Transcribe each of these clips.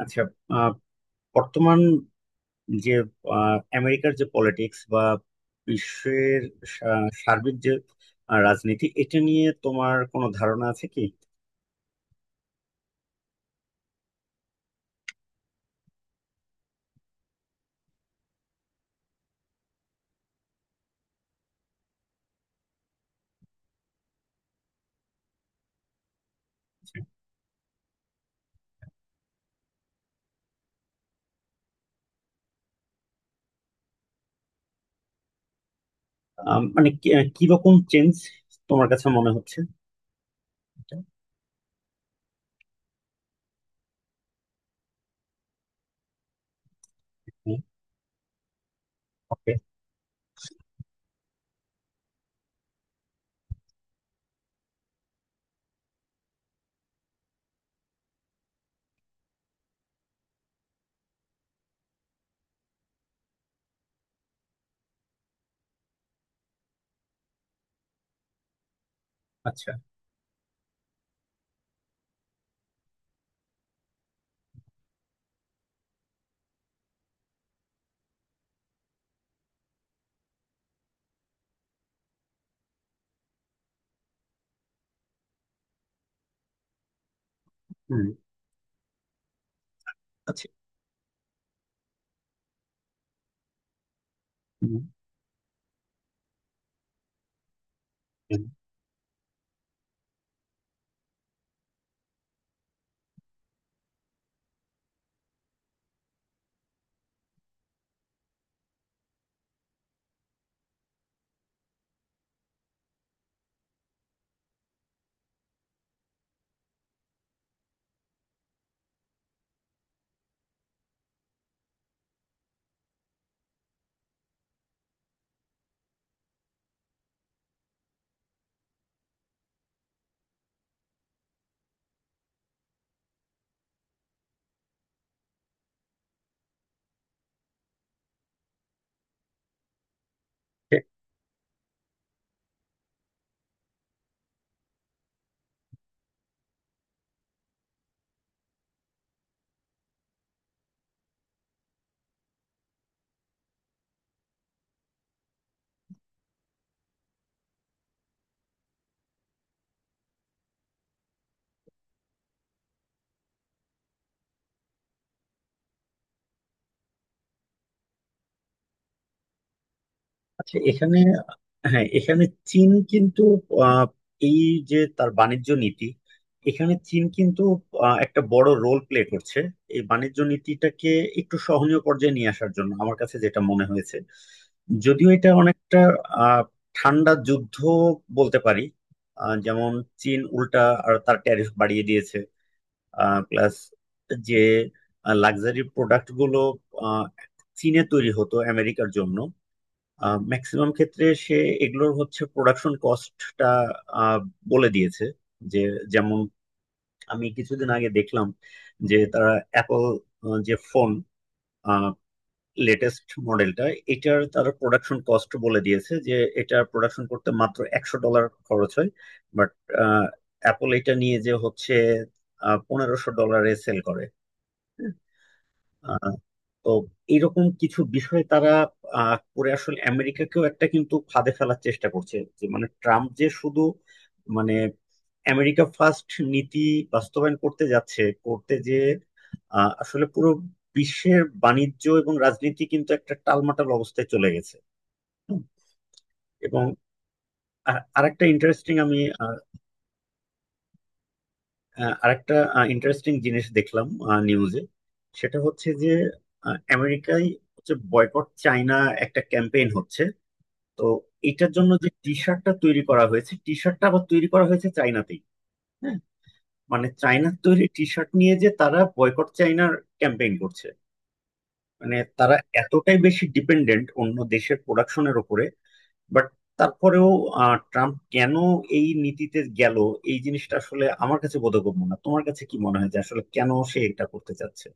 আচ্ছা। আহ, বর্তমান যে আমেরিকার যে পলিটিক্স বা বিশ্বের সার্বিক যে রাজনীতি, এটা নিয়ে তোমার কোনো ধারণা আছে কি? মানে কি, কিরকম চেঞ্জ তোমার কাছে মনে হচ্ছে এটা? হুম। ওকে। আচ্ছা। হুম। আচ্ছা। হুম। হুম। আচ্ছা, এখানে, হ্যাঁ, এখানে চীন কিন্তু আহ, এই যে তার বাণিজ্য নীতি, এখানে চীন কিন্তু একটা বড় রোল প্লে করছে এই বাণিজ্য নীতিটাকে একটু সহনীয় পর্যায়ে নিয়ে আসার জন্য, আমার কাছে যেটা মনে হয়েছে। যদিও এটা অনেকটা আহ, ঠান্ডা যুদ্ধ বলতে পারি। যেমন চীন উল্টা আর তার ট্যারিফ বাড়িয়ে দিয়েছে। প্লাস যে লাক্সারি প্রোডাক্ট গুলো আহ, চীনে তৈরি হতো আমেরিকার জন্য ম্যাক্সিমাম ক্ষেত্রে, সে এগুলোর হচ্ছে প্রোডাকশন কস্টটা বলে দিয়েছে, যে যেমন, আমি কিছুদিন আগে দেখলাম যে তারা অ্যাপল যে ফোন লেটেস্ট মডেলটা, এটার তারা প্রোডাকশন কস্ট বলে দিয়েছে যে এটা প্রোডাকশন করতে মাত্র 100 ডলার খরচ হয়। বাট অ্যাপল এটা নিয়ে যে হচ্ছে 1500 ডলারে সেল করে। আহ, তো এইরকম কিছু বিষয়ে তারা করে আসলে আমেরিকাকেও একটা কিন্তু ফাঁদে ফেলার চেষ্টা করছে, যে মানে ট্রাম্প যে শুধু মানে আমেরিকা ফার্স্ট নীতি বাস্তবায়ন করতে যাচ্ছে করতে, যে আসলে পুরো বিশ্বের বাণিজ্য এবং রাজনীতি কিন্তু একটা টালমাটাল অবস্থায় চলে গেছে। হুম। এবং আর আরেকটা ইন্টারেস্টিং, আমি আরেকটা ইন্টারেস্টিং জিনিস দেখলাম নিউজে। সেটা হচ্ছে যে আমেরিকায় হচ্ছে বয়কট চায়না একটা ক্যাম্পেইন হচ্ছে। তো এটার জন্য যে টি শার্টটা তৈরি করা হয়েছে, টি শার্টটা আবার তৈরি করা হয়েছে চায়নাতেই। হ্যাঁ, মানে চায়নার তৈরি টি শার্ট নিয়ে যে তারা বয়কট চায়নার ক্যাম্পেইন করছে। মানে তারা এতটাই বেশি ডিপেন্ডেন্ট অন্য দেশের প্রোডাকশনের উপরে। বাট তারপরেও ট্রাম্প কেন এই নীতিতে গেল, এই জিনিসটা আসলে আমার কাছে বোধগম্য না। তোমার কাছে কি মনে হয় যে আসলে কেন সে এটা করতে চাচ্ছে?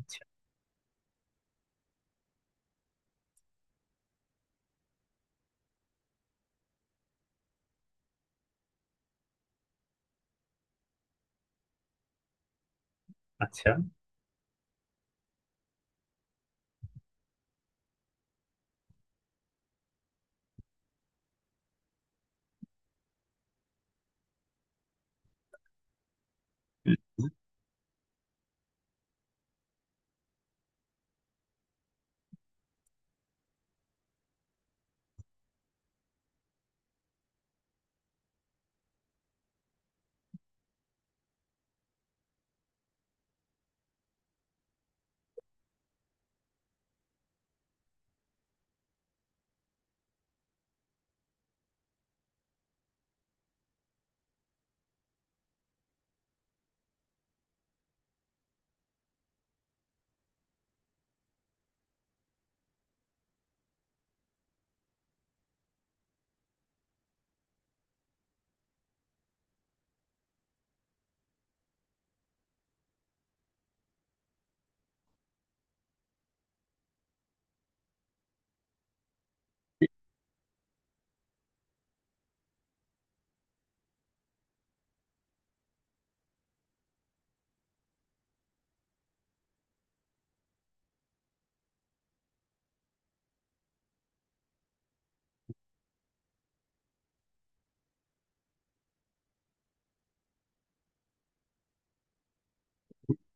আচ্ছা, আচ্ছা।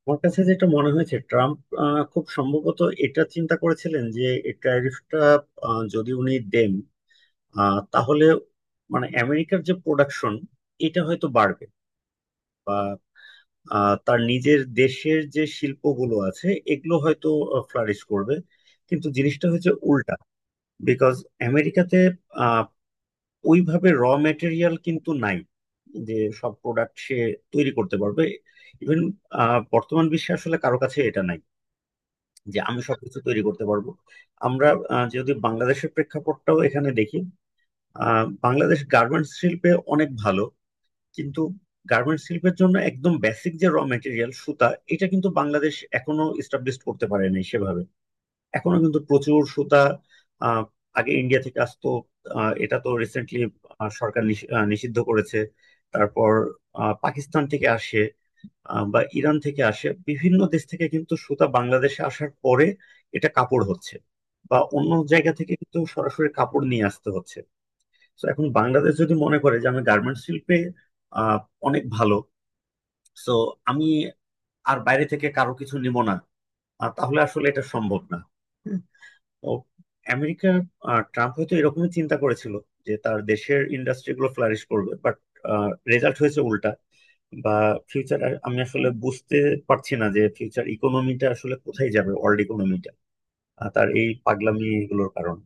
আমার কাছে যেটা মনে হয়েছে, ট্রাম্প খুব সম্ভবত এটা চিন্তা করেছিলেন যে এই ট্যারিফটা যদি উনি দেন, তাহলে মানে আমেরিকার যে প্রোডাকশন, এটা হয়তো বাড়বে। তার নিজের দেশের যে শিল্পগুলো আছে এগুলো হয়তো ফ্লারিশ করবে। কিন্তু জিনিসটা হচ্ছে উল্টা। বিকজ আমেরিকাতে আহ, ওইভাবে র মেটেরিয়াল কিন্তু নাই, যে সব প্রোডাক্ট সে তৈরি করতে পারবে। ইভেন বর্তমান বিশ্বে আসলে কারো কাছে এটা নাই যে আমি সবকিছু তৈরি করতে পারবো। আমরা যদি বাংলাদেশের প্রেক্ষাপটটাও এখানে দেখি, বাংলাদেশ গার্মেন্টস শিল্পে অনেক ভালো। কিন্তু গার্মেন্টস শিল্পের জন্য একদম বেসিক যে র মেটেরিয়াল সুতা, এটা কিন্তু বাংলাদেশ এখনো এস্টাবলিশ করতে পারেনি সেভাবে। এখনো কিন্তু প্রচুর সুতা আহ, আগে ইন্ডিয়া থেকে আসতো। এটা তো রিসেন্টলি সরকার নিষিদ্ধ করেছে। তারপর পাকিস্তান থেকে আসে, বা ইরান থেকে আসে। বিভিন্ন দেশ থেকে কিন্তু সুতা বাংলাদেশে আসার পরে এটা কাপড় হচ্ছে, বা অন্য জায়গা থেকে কিন্তু সরাসরি কাপড় নিয়ে আসতে হচ্ছে। তো এখন বাংলাদেশ যদি মনে করে যে আমি গার্মেন্টস শিল্পে আহ, অনেক ভালো, তো আমি আর বাইরে থেকে কারো কিছু নিব না, তাহলে আসলে এটা সম্ভব না। ও, আমেরিকা আর ট্রাম্প হয়তো এরকমই চিন্তা করেছিল যে তার দেশের ইন্ডাস্ট্রিগুলো ফ্লারিশ করবে। বাট রেজাল্ট হয়েছে উল্টা। বা ফিউচার, আমি আসলে বুঝতে পারছি না যে ফিউচার ইকোনমিটা আসলে কোথায় যাবে, ওয়ার্ল্ড ইকোনমিটা, তার এই পাগলামি এগুলোর কারণে।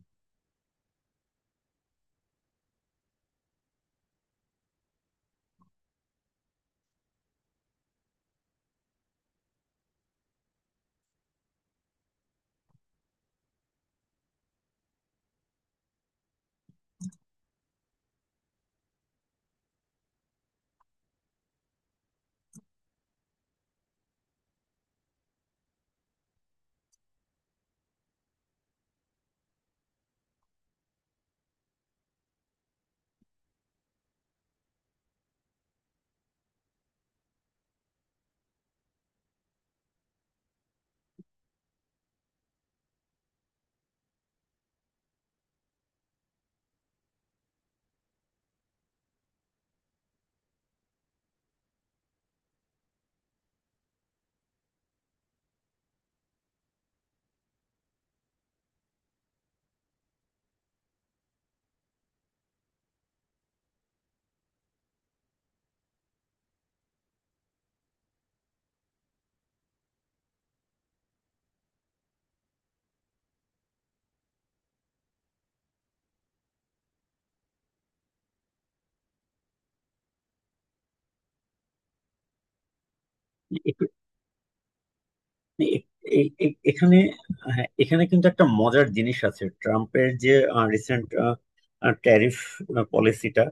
মানে এখানে, হ্যাঁ, এখানে কিন্তু একটা মজার জিনিস আছে ট্রাম্পের যে রিসেন্ট ট্যারিফ পলিসিটা,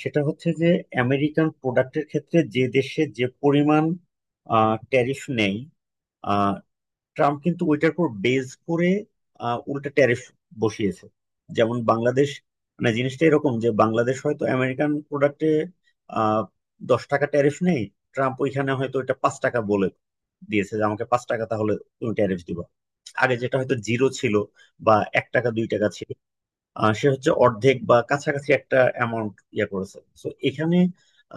সেটা হচ্ছে যে আমেরিকান প্রোডাক্টের ক্ষেত্রে যে দেশে যে পরিমাণ ট্যারিফ নেই, ট্রাম্প কিন্তু ওইটার উপর বেজ করে উল্টা ট্যারিফ বসিয়েছে। যেমন বাংলাদেশ, মানে জিনিসটা এরকম যে বাংলাদেশ হয়তো আমেরিকান প্রোডাক্টে আহ 10 টাকা ট্যারিফ নেই। ট্রাম্প ওইখানে হয়তো এটা 5 টাকা বলে দিয়েছে যে আমাকে 5 টাকা তাহলে তুমি ট্যারিফ দিবা। আগে যেটা হয়তো জিরো ছিল বা 1 টাকা 2 টাকা ছিল, সে হচ্ছে অর্ধেক বা কাছাকাছি একটা অ্যামাউন্ট ইয়ে করেছে। তো এখানে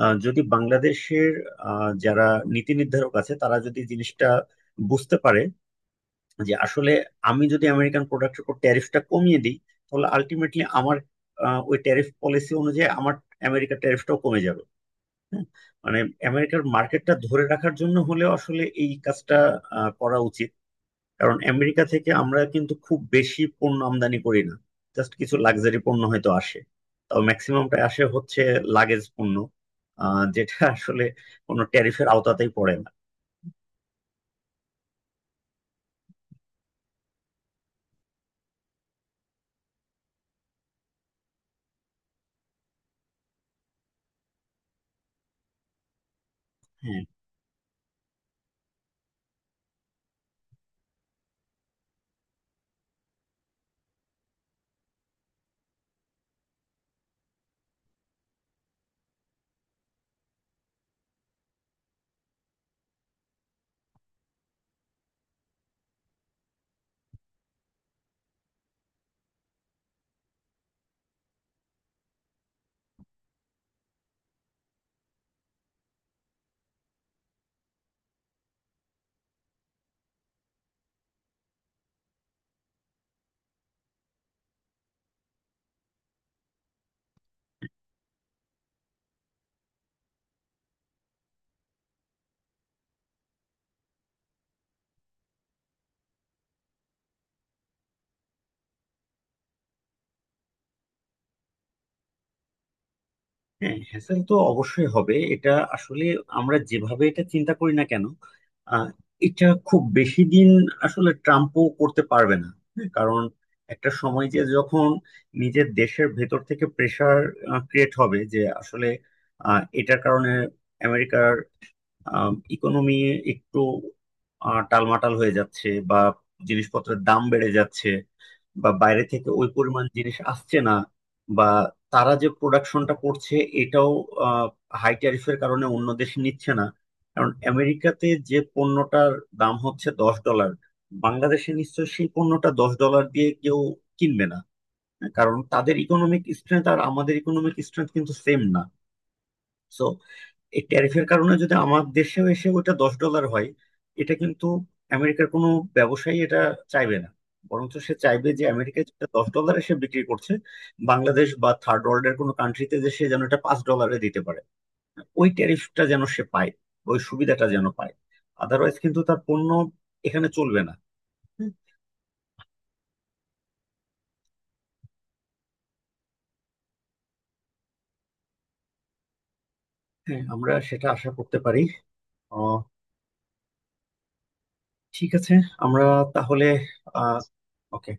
যদি বাংলাদেশের যারা নীতি নির্ধারক আছে, তারা যদি জিনিসটা বুঝতে পারে যে আসলে আমি যদি আমেরিকান প্রোডাক্টের উপর ট্যারিফটা কমিয়ে দিই, তাহলে আলটিমেটলি আমার ওই ট্যারিফ পলিসি অনুযায়ী আমার আমেরিকার ট্যারিফটাও কমে যাবে। হ্যাঁ, মানে আমেরিকার মার্কেটটা ধরে রাখার জন্য হলেও আসলে এই কাজটা করা উচিত। কারণ আমেরিকা থেকে আমরা কিন্তু খুব বেশি পণ্য আমদানি করি না। জাস্ট কিছু লাক্সারি পণ্য হয়তো আসে। তাও ম্যাক্সিমামটা আসে হচ্ছে লাগেজ পণ্য, যেটা আসলে কোনো ট্যারিফের আওতাতেই পড়ে না। হ্যাঁ, হ্যাঁ, হ্যাসেল তো অবশ্যই হবে এটা। আসলে আমরা যেভাবে এটা চিন্তা করি না কেন, আহ, এটা খুব বেশি দিন আসলে ট্রাম্পও করতে পারবে না। হ্যাঁ, কারণ একটা সময়, যে যখন নিজের দেশের ভেতর থেকে প্রেসার ক্রিয়েট হবে যে আসলে এটার কারণে আমেরিকার ইকোনমি একটু টালমাটাল হয়ে যাচ্ছে, বা জিনিসপত্রের দাম বেড়ে যাচ্ছে, বা বাইরে থেকে ওই পরিমাণ জিনিস আসছে না, বা তারা যে প্রোডাকশনটা করছে এটাও হাই ট্যারিফের কারণে অন্য দেশ নিচ্ছে না। কারণ আমেরিকাতে যে পণ্যটার দাম হচ্ছে 10 ডলার, বাংলাদেশে নিশ্চয়ই সেই পণ্যটা 10 ডলার দিয়ে কেউ কিনবে না। কারণ তাদের ইকোনমিক স্ট্রেংথ আর আমাদের ইকোনমিক স্ট্রেংথ কিন্তু সেম না। সো এই ট্যারিফের কারণে যদি আমার দেশেও এসে ওটা 10 ডলার হয়, এটা কিন্তু আমেরিকার কোনো ব্যবসায়ী এটা চাইবে না। বরঞ্চ সে চাইবে যে আমেরিকায় যেটা 10 ডলারে সে বিক্রি করছে, বাংলাদেশ বা থার্ড ওয়ার্ল্ডের কোনো কান্ট্রিতে যে সে যেন এটা 5 ডলারে দিতে পারে। ওই ট্যারিফটা যেন সে পায়, ওই সুবিধাটা যেন পায়। আদারওয়াইজ কিন্তু তার পণ্য এখানে চলবে না। হুম। হ্যাঁ, আমরা সেটা আশা করতে পারি। আহ, ঠিক আছে, আমরা তাহলে আহ ওকে।